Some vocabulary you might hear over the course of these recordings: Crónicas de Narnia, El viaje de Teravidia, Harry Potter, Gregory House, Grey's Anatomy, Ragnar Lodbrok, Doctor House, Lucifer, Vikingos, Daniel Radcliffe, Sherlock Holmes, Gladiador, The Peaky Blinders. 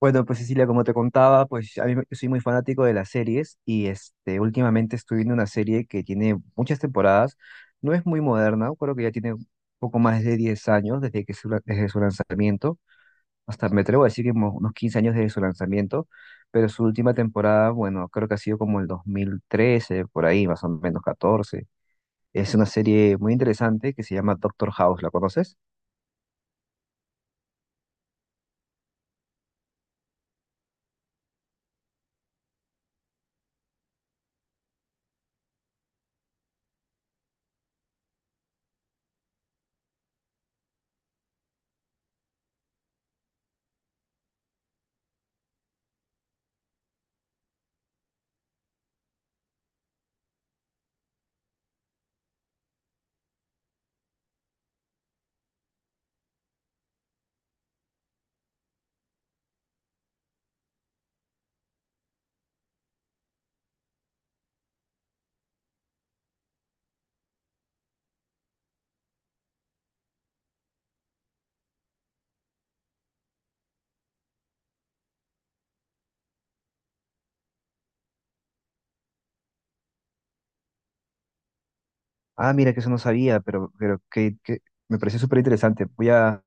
Bueno, pues Cecilia, como te contaba, yo soy muy fanático de las series últimamente estoy viendo una serie que tiene muchas temporadas, no es muy moderna, creo que ya tiene un poco más de 10 años desde su lanzamiento, hasta me atrevo a decir que unos 15 años desde su lanzamiento, pero su última temporada, bueno, creo que ha sido como el 2013, por ahí, más o menos 14. Es una serie muy interesante que se llama Doctor House, ¿la conoces? Ah, mira, que eso no sabía, pero que me pareció súper interesante. Voy a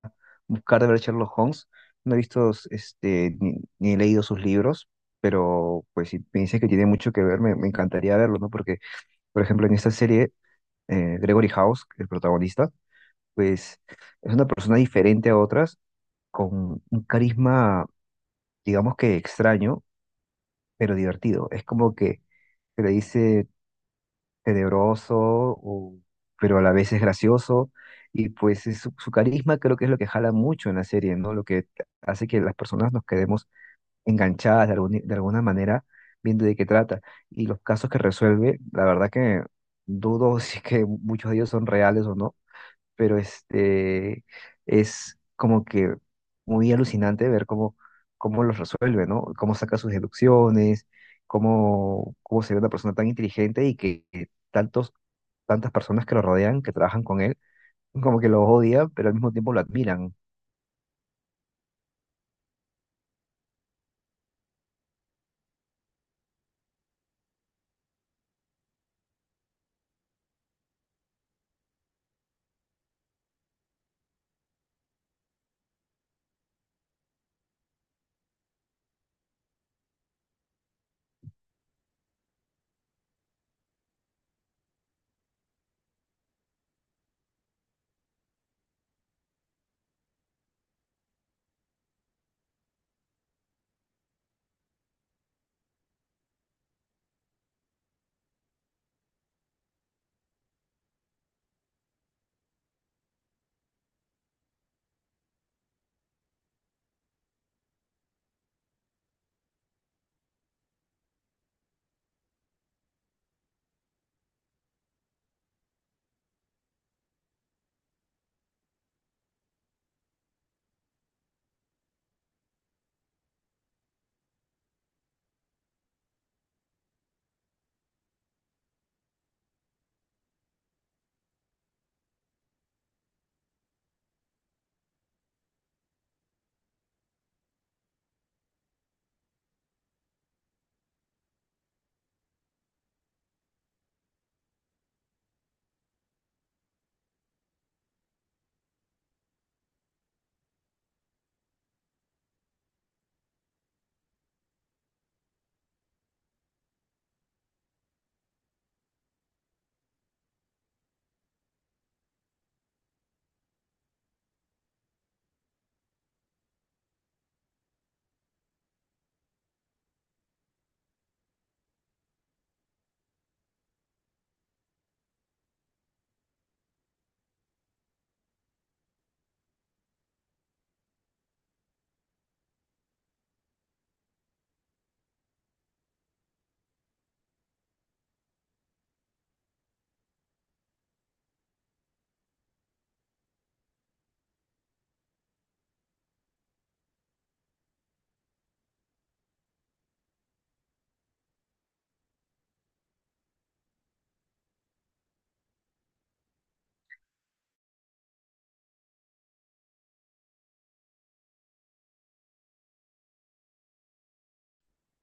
buscar de ver Sherlock Holmes. No he visto ni he leído sus libros, pero pues si me dices que tiene mucho que ver, me encantaría verlo, ¿no? Porque, por ejemplo, en esta serie, Gregory House, el protagonista, pues es una persona diferente a otras, con un carisma, digamos que extraño, pero divertido. Es como que le dice tenebroso, pero a la vez es gracioso. Y pues es su carisma creo que es lo que jala mucho en la serie, ¿no? Lo que hace que las personas nos quedemos enganchadas de alguna manera viendo de qué trata. Y los casos que resuelve, la verdad que dudo si es que muchos de ellos son reales o no, pero este es como que muy alucinante ver cómo los resuelve, ¿no? Cómo saca sus deducciones, cómo se ve una persona tan inteligente y que tantos, tantas personas que lo rodean, que trabajan con él, como que lo odian, pero al mismo tiempo lo admiran.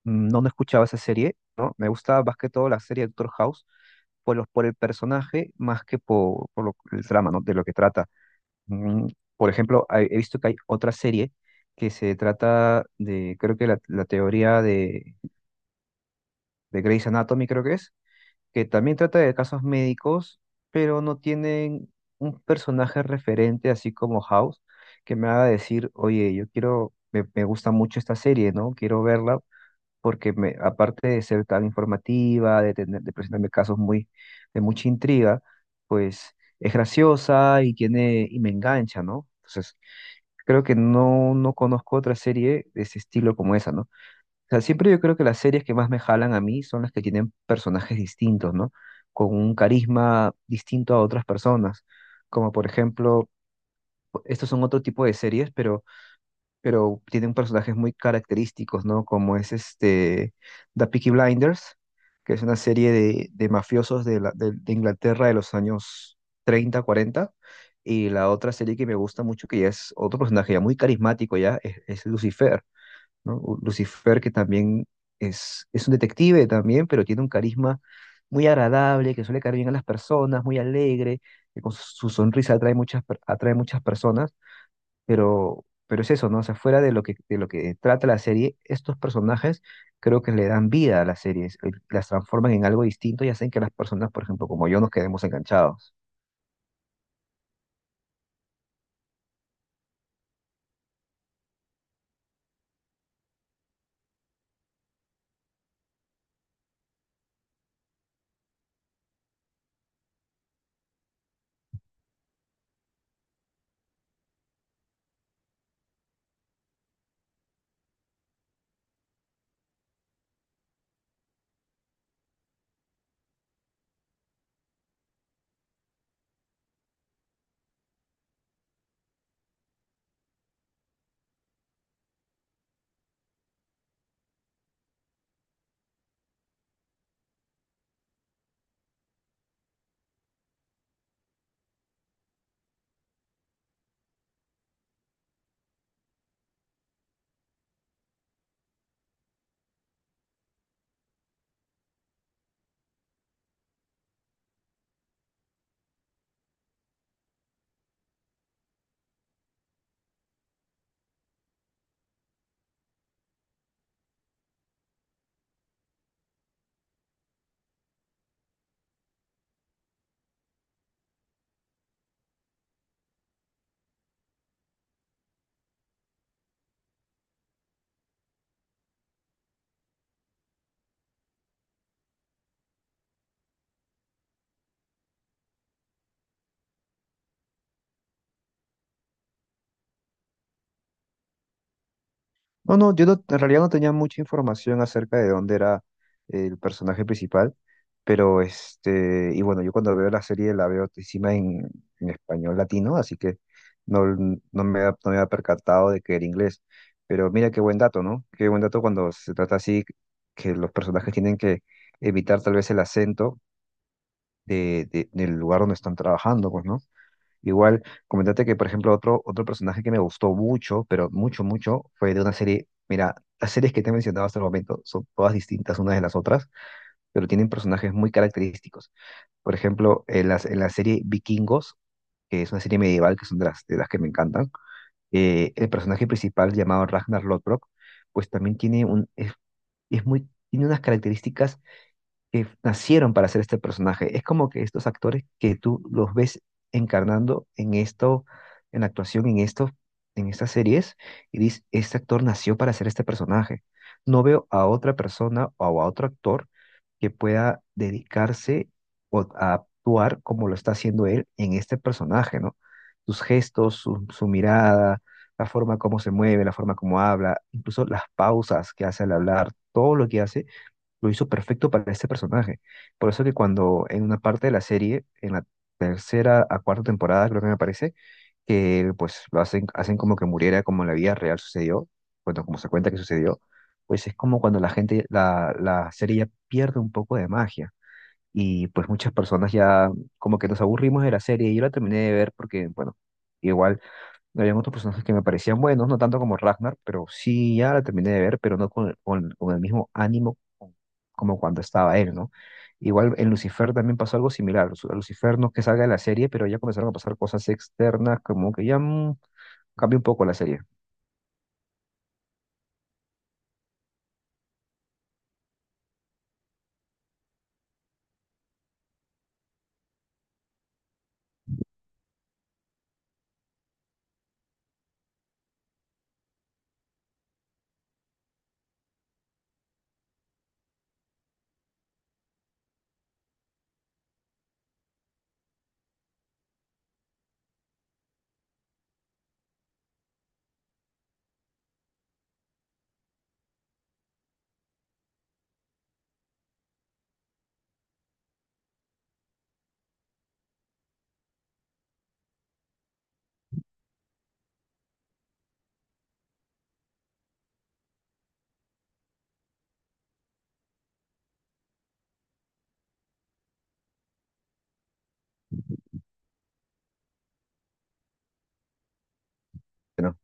Mm, no, no escuchaba esa serie, ¿no? Me gustaba más que todo la serie Doctor House por el personaje más que por el trama, ¿no? De lo que trata. Mm, por ejemplo, he visto que hay otra serie que se trata de, creo que la teoría de Grey's Anatomy, creo que es, que también trata de casos médicos, pero no tienen un personaje referente, así como House, que me haga decir, oye, yo quiero, me gusta mucho esta serie, ¿no? Quiero verla, porque me, aparte de ser tan informativa, de presentarme de mucha intriga, pues es graciosa y tiene, y me engancha, ¿no? Entonces, creo que no, no conozco otra serie de ese estilo como esa, ¿no? O sea, siempre yo creo que las series que más me jalan a mí son las que tienen personajes distintos, ¿no? Con un carisma distinto a otras personas. Como por ejemplo, estos son otro tipo de series, pero tienen personajes muy característicos, ¿no? Como es este The Peaky Blinders, que es una serie de mafiosos de Inglaterra de los años 30, 40. Y la otra serie que me gusta mucho, que ya es otro personaje ya muy carismático, ya es Lucifer, ¿no? Lucifer que también es un detective también, pero tiene un carisma muy agradable, que suele caer bien a las personas, muy alegre, que con su sonrisa atrae atrae muchas personas. Pero es eso, ¿no? O sea, fuera de lo de lo que trata la serie, estos personajes creo que le dan vida a las series, las transforman en algo distinto y hacen que las personas, por ejemplo, como yo, nos quedemos enganchados. No, yo en realidad no tenía mucha información acerca de dónde era el personaje principal, y bueno, yo cuando veo la serie la veo encima en español latino, así que no, no me había percatado de que era inglés. Pero mira qué buen dato, ¿no? Qué buen dato cuando se trata así, que los personajes tienen que evitar tal vez el acento del lugar donde están trabajando, pues, ¿no? Igual, comentate que, por ejemplo, otro personaje que me gustó mucho, pero mucho, mucho, fue de una serie. Mira, las series que te he mencionado hasta el momento son todas distintas unas de las otras, pero tienen personajes muy característicos. Por ejemplo, en en la serie Vikingos, que es una serie medieval, que son de de las que me encantan, el personaje principal llamado Ragnar Lodbrok, pues también tiene es muy, tiene unas características que nacieron para hacer este personaje. Es como que estos actores que tú los ves encarnando en esto, en la actuación, en esto, en estas series, y dices, este actor nació para hacer este personaje. No veo a otra persona o a otro actor que pueda dedicarse o a actuar como lo está haciendo él en este personaje, ¿no? Sus gestos, su mirada, la forma como se mueve, la forma como habla, incluso las pausas que hace al hablar, todo lo que hace lo hizo perfecto para este personaje. Por eso que cuando en una parte de la serie, en la tercera a cuarta temporada, creo que me parece, que pues lo hacen, hacen como que muriera como en la vida real sucedió, bueno, como se cuenta que sucedió, pues es como cuando la gente, la serie ya pierde un poco de magia. Y pues muchas personas ya como que nos aburrimos de la serie. Yo la terminé de ver porque, bueno, igual habían otros personajes que me parecían buenos, no tanto como Ragnar, pero sí, ya la terminé de ver, pero no con el mismo ánimo como cuando estaba él, ¿no? Igual en Lucifer también pasó algo similar. Lucifer no es que salga de la serie, pero ya comenzaron a pasar cosas externas, como que ya cambió un poco la serie. Pero,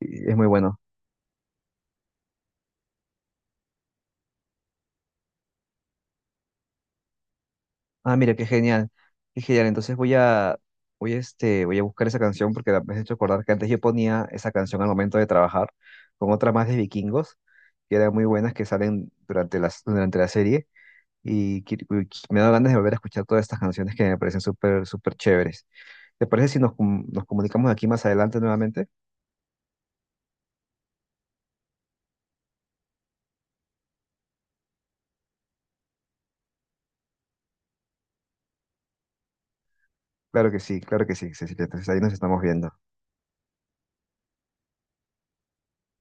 es muy bueno. Ah, mira, qué genial. Qué genial. Entonces voy a, este, voy a buscar esa canción porque me has hecho acordar que antes yo ponía esa canción al momento de trabajar con otras más de vikingos, que eran muy buenas, que salen durante durante la serie. Y me da ganas de volver a escuchar todas estas canciones que me parecen súper, súper chéveres. ¿Te parece